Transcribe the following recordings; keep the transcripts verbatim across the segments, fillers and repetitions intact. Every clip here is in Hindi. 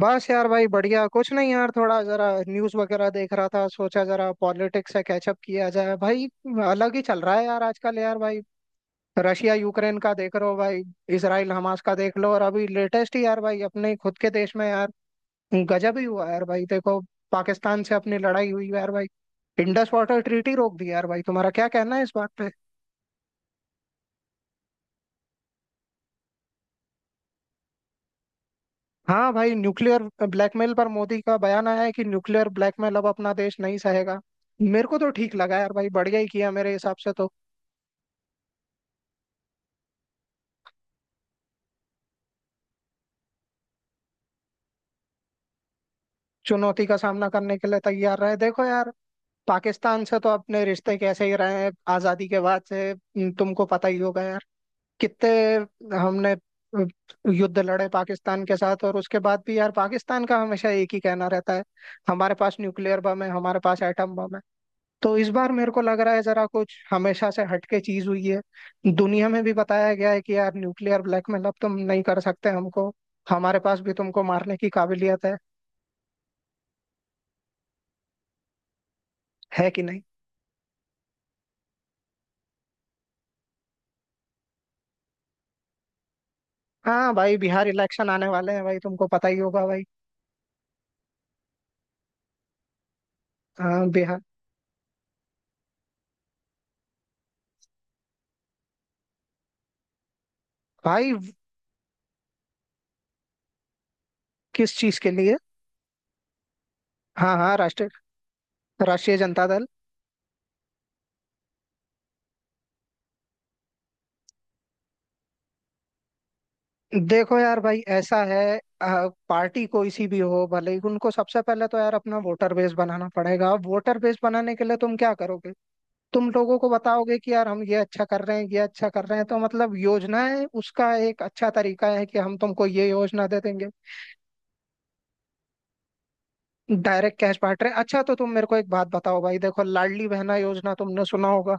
बस यार भाई, बढ़िया। कुछ नहीं यार, थोड़ा जरा न्यूज़ वगैरह देख रहा था, सोचा जरा पॉलिटिक्स से कैचअप किया जाए भाई। अलग ही चल रहा है यार आजकल यार भाई। रशिया यूक्रेन का देख रहे हो भाई? इसराइल हमास का देख लो, और अभी लेटेस्ट ही यार भाई अपने खुद के देश में यार गजब ही हुआ यार भाई, देखो। पाकिस्तान से अपनी लड़ाई हुई यार भाई। इंडस वाटर ट्रीटी रोक दी यार भाई, तुम्हारा क्या कहना है इस बात? हाँ भाई, न्यूक्लियर ब्लैकमेल पर मोदी का बयान आया है कि न्यूक्लियर ब्लैकमेल अब अपना देश नहीं सहेगा। मेरे को तो ठीक लगा यार भाई, बढ़िया ही किया मेरे हिसाब से तो। चुनौती का सामना करने के लिए तैयार रहे, देखो यार। पाकिस्तान से तो अपने रिश्ते कैसे ही रहे हैं आजादी के बाद से, उम, तुमको पता ही होगा यार कितने हमने अ, युद्ध लड़े पाकिस्तान के साथ। और उसके बाद भी यार पाकिस्तान का हमेशा एक ही कहना रहता है, हमारे पास न्यूक्लियर बम है, हमारे पास एटम बम है। तो इस बार मेरे को लग रहा है जरा कुछ हमेशा से हटके चीज हुई है। दुनिया में भी बताया गया है कि यार न्यूक्लियर ब्लैकमेल अब तुम नहीं कर सकते हमको, हमारे पास भी तुमको मारने की काबिलियत है। है कि नहीं? हाँ भाई, बिहार इलेक्शन आने वाले हैं भाई, तुमको पता ही होगा भाई। हाँ बिहार। भाई किस चीज के लिए? हाँ हाँ, राष्ट्रीय। राष्ट्रीय जनता दल। देखो यार भाई, ऐसा है अ, पार्टी कोई सी भी हो भले ही, उनको सबसे पहले तो यार अपना वोटर बेस बनाना पड़ेगा। वोटर बेस बनाने के लिए तुम क्या करोगे? तुम लोगों को बताओगे कि यार हम ये अच्छा कर रहे हैं, ये अच्छा कर रहे हैं, तो मतलब योजनाएं उसका एक अच्छा तरीका है कि हम तुमको ये योजना दे देंगे। डायरेक्ट कैश बांट रहे हैं, अच्छा। तो तुम मेरे को एक बात बताओ भाई, देखो लाडली बहना योजना तुमने सुना होगा।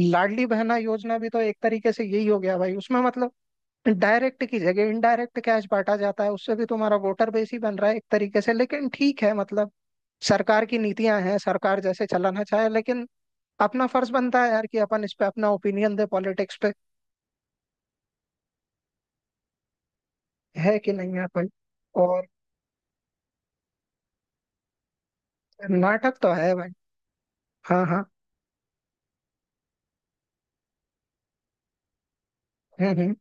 लाडली बहना योजना भी तो एक तरीके से यही हो गया भाई, उसमें मतलब डायरेक्ट की जगह इनडायरेक्ट कैश बांटा जाता है। उससे भी तुम्हारा वोटर बेस ही बन रहा है एक तरीके से, लेकिन ठीक है, मतलब सरकार की नीतियां हैं, सरकार जैसे चलाना चाहे, लेकिन अपना फर्ज बनता है यार कि अपन इस पे अपना ओपिनियन दे पॉलिटिक्स पे। है कि नहीं है भाई? और नाटक तो है भाई। हाँ हाँ। हम्म हम्म।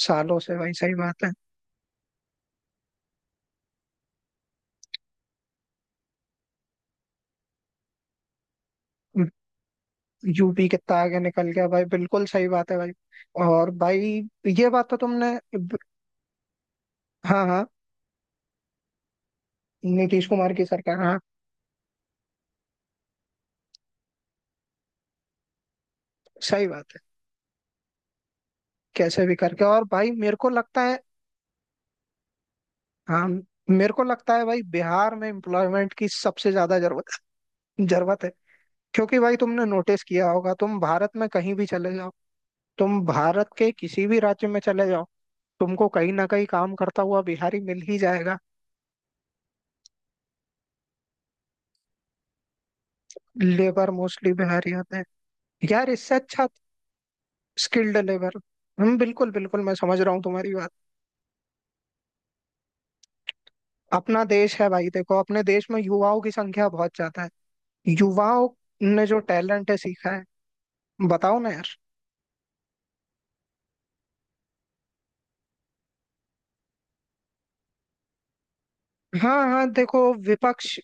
सालों से भाई, सही बात है। हम्म, यूपी कितना आगे निकल गया भाई, बिल्कुल सही बात है भाई। और भाई ये बात तो तुमने। हाँ हाँ, नीतीश कुमार की सरकार, हाँ। सही बात है। कैसे भी करके, और भाई मेरे को लगता है। हाँ। मेरे को लगता है भाई बिहार में एम्प्लॉयमेंट की सबसे ज्यादा जरूरत, जरूरत है। क्योंकि भाई, तुमने नोटिस किया होगा, तुम भारत में कहीं भी चले जाओ, तुम भारत के किसी भी राज्य में चले जाओ, तुमको कहीं ना कहीं काम करता हुआ बिहारी मिल ही जाएगा। लेबर मोस्टली बिहारी होते हैं। यार, इससे अच्छा स्किल्ड लेबर। हम बिल्कुल बिल्कुल, मैं समझ रहा हूँ तुम्हारी बात। अपना देश है भाई, देखो अपने देश में युवाओं की संख्या बहुत ज्यादा है। युवाओं ने जो टैलेंट है सीखा है, बताओ ना यार। हाँ हाँ, देखो विपक्ष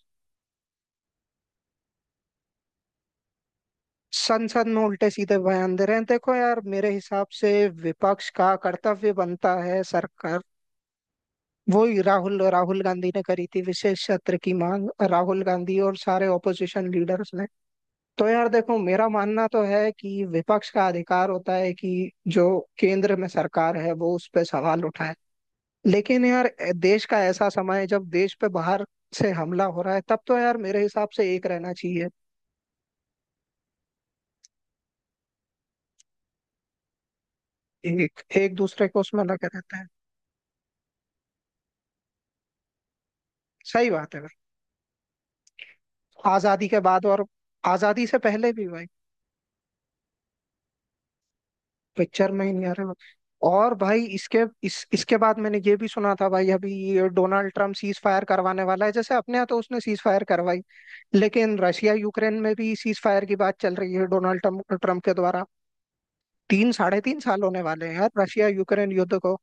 संसद में उल्टे सीधे बयान दे रहे हैं, देखो यार मेरे हिसाब से विपक्ष का कर्तव्य बनता है सरकार। वो ही राहुल, राहुल गांधी ने करी थी विशेष सत्र की मांग, राहुल गांधी और सारे ओपोजिशन लीडर्स ने। तो यार देखो, मेरा मानना तो है कि विपक्ष का अधिकार होता है कि जो केंद्र में सरकार है वो उस पर सवाल उठाए। लेकिन यार, देश का ऐसा समय है जब देश पे बाहर से हमला हो रहा है, तब तो यार मेरे हिसाब से एक रहना चाहिए। एक एक दूसरे को उसमें लगे रहते हैं। सही बात है भाई, आजादी के बाद और आजादी से पहले भी भाई। पिक्चर में ही नहीं आ रहे। और भाई इसके, इस इसके बाद मैंने ये भी सुना था भाई, अभी ये डोनाल्ड ट्रम्प सीज फायर करवाने वाला है। जैसे अपने यहाँ तो उसने सीज फायर करवाई, लेकिन रशिया यूक्रेन में भी सीज फायर की बात चल रही है डोनाल्ड ट्रम्प ट्रम्प के द्वारा। तीन साढ़े तीन साल होने वाले हैं यार, रशिया यूक्रेन युद्ध को।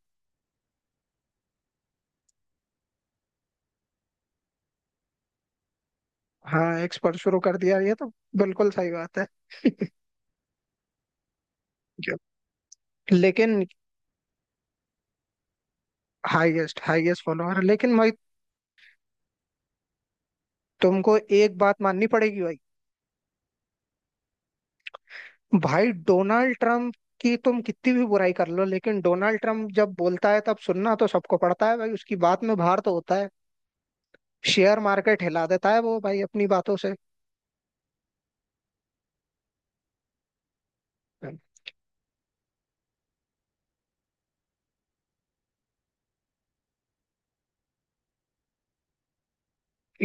हाँ एक्सपर्ट शुरू कर दिया ये तो, बिल्कुल सही बात है। जो- लेकिन हाईएस्ट हाईएस्ट फॉलोअर, लेकिन भाई तुमको एक बात माननी पड़ेगी भाई। भाई डोनाल्ड ट्रम्प की तुम कितनी भी बुराई कर लो, लेकिन डोनाल्ड ट्रम्प जब बोलता है तब सुनना तो सबको पड़ता है भाई, उसकी बात में भार तो होता है। शेयर मार्केट हिला देता है वो भाई अपनी बातों से।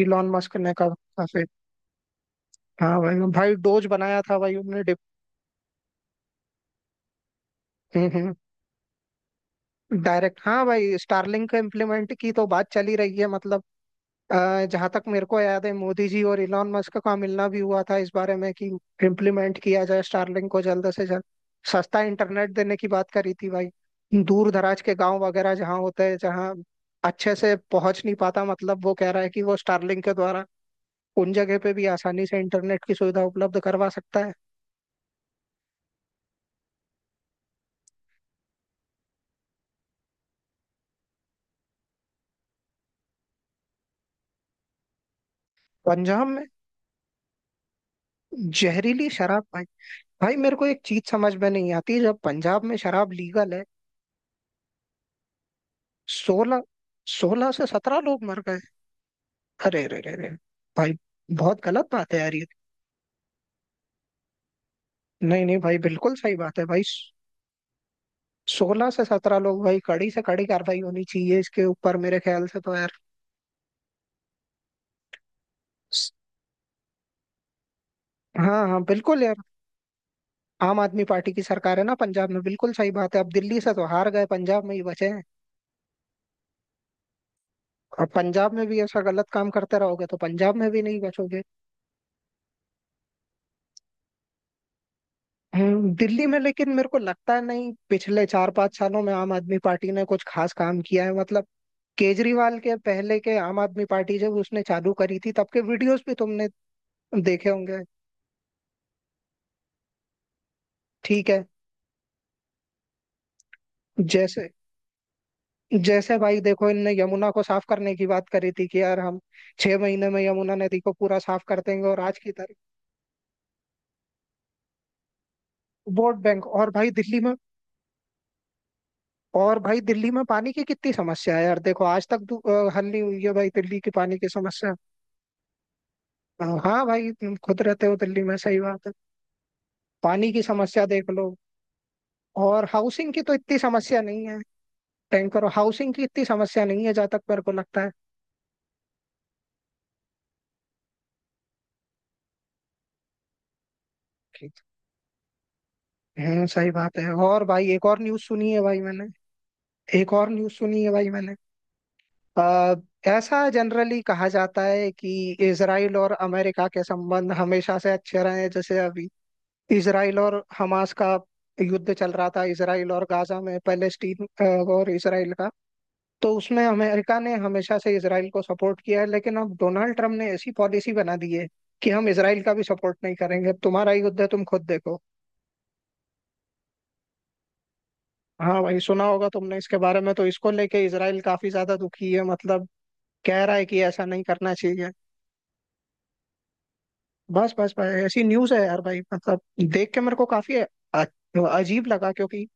इलॉन मस्क ने का काफी। हाँ भाई, भाई डोज बनाया था भाई उनने। डायरेक्ट, हाँ भाई स्टारलिंक को इम्प्लीमेंट की तो बात चली रही है। मतलब जहां तक मेरे को याद है, मोदी जी और इलॉन मस्क का मिलना भी हुआ था इस बारे में कि इम्प्लीमेंट किया जाए स्टारलिंक को जल्द से जल्द, सस्ता इंटरनेट देने की बात करी थी भाई। दूर दराज के गांव वगैरह जहाँ होते हैं, जहाँ अच्छे से पहुंच नहीं पाता, मतलब वो कह रहा है कि वो स्टारलिंक के द्वारा उन जगह पे भी आसानी से इंटरनेट की सुविधा उपलब्ध करवा सकता है। पंजाब में जहरीली शराब भाई, भाई मेरे को एक चीज समझ में नहीं आती जब पंजाब में शराब लीगल है। सोलह, सोलह से सत्रह लोग मर गए। अरे अरे अरे अरे, भाई बहुत गलत बात है यार ये। नहीं नहीं भाई, बिल्कुल सही बात है भाई। सोलह से सत्रह लोग भाई, कड़ी से कड़ी कार्रवाई होनी चाहिए इसके ऊपर मेरे ख्याल से तो यार। स- हाँ हाँ, बिल्कुल यार। आम आदमी पार्टी की सरकार है ना पंजाब में, बिल्कुल सही बात है। अब दिल्ली से तो हार गए, पंजाब में ही बचे हैं और पंजाब में भी ऐसा गलत काम करते रहोगे तो पंजाब में भी नहीं बचोगे। हम्म, दिल्ली में लेकिन मेरे को लगता है नहीं, पिछले चार पांच सालों में आम आदमी पार्टी ने कुछ खास काम किया है। मतलब केजरीवाल के पहले के आम आदमी पार्टी जब उसने चालू करी थी तब के वीडियोस भी तुमने देखे होंगे, ठीक है। जैसे, जैसे भाई देखो इनने यमुना को साफ करने की बात करी थी कि यार हम छह महीने में यमुना नदी को पूरा साफ कर देंगे और आज की तारीख। वोट बैंक, और भाई दिल्ली में, और भाई दिल्ली में पानी की कितनी समस्या है यार, देखो आज तक दु- अ, हल नहीं हुई है भाई दिल्ली की पानी की समस्या। अ, हाँ भाई, तुम खुद रहते हो दिल्ली में, सही बात है। पानी की समस्या देख लो, और हाउसिंग की तो इतनी समस्या नहीं है। टैंक करो, हाउसिंग की इतनी समस्या नहीं है जहां तक मेरे को लगता है, ठीक। हम्म सही बात है। और भाई एक और न्यूज़ सुनी है भाई मैंने, एक और न्यूज़ सुनी है भाई मैंने आ, ऐसा जनरली कहा जाता है कि इसराइल और अमेरिका के संबंध हमेशा से अच्छे रहे हैं। जैसे अभी इसराइल और हमास का युद्ध चल रहा था, इसराइल और गाजा में पैलेस्टीन, अ, और इसराइल का, तो उसमें अमेरिका ने हमेशा से इसराइल को सपोर्ट किया है। लेकिन अब डोनाल्ड ट्रम्प ने ऐसी पॉलिसी बना दी है कि हम इसराइल का भी सपोर्ट नहीं करेंगे, अब तुम्हारा ही युद्ध है तुम खुद देखो। हाँ भाई, सुना होगा तुमने इसके बारे में, तो इसको लेके इसराइल काफी ज्यादा दुखी है। मतलब कह रहा है कि ऐसा नहीं करना चाहिए। बस बस भाई, ऐसी न्यूज है यार भाई, मतलब देख के मेरे को काफी अ- अजीब लगा, क्योंकि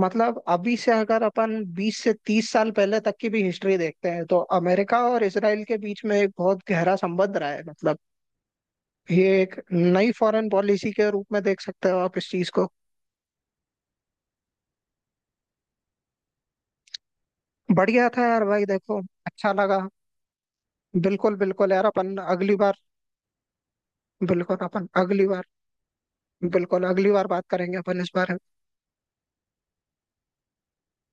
मतलब अभी से अगर अपन बीस से तीस साल पहले तक की भी हिस्ट्री देखते हैं तो अमेरिका और इसराइल के बीच में एक बहुत गहरा संबंध रहा है। मतलब ये एक नई फॉरेन पॉलिसी के रूप में देख सकते हो आप इस चीज को। बढ़िया था यार भाई, देखो अच्छा लगा। बिल्कुल बिल्कुल यार, अपन अगली बार, बिल्कुल अपन अगली बार, बिल्कुल अगली बार बात करेंगे अपन इस बारे में।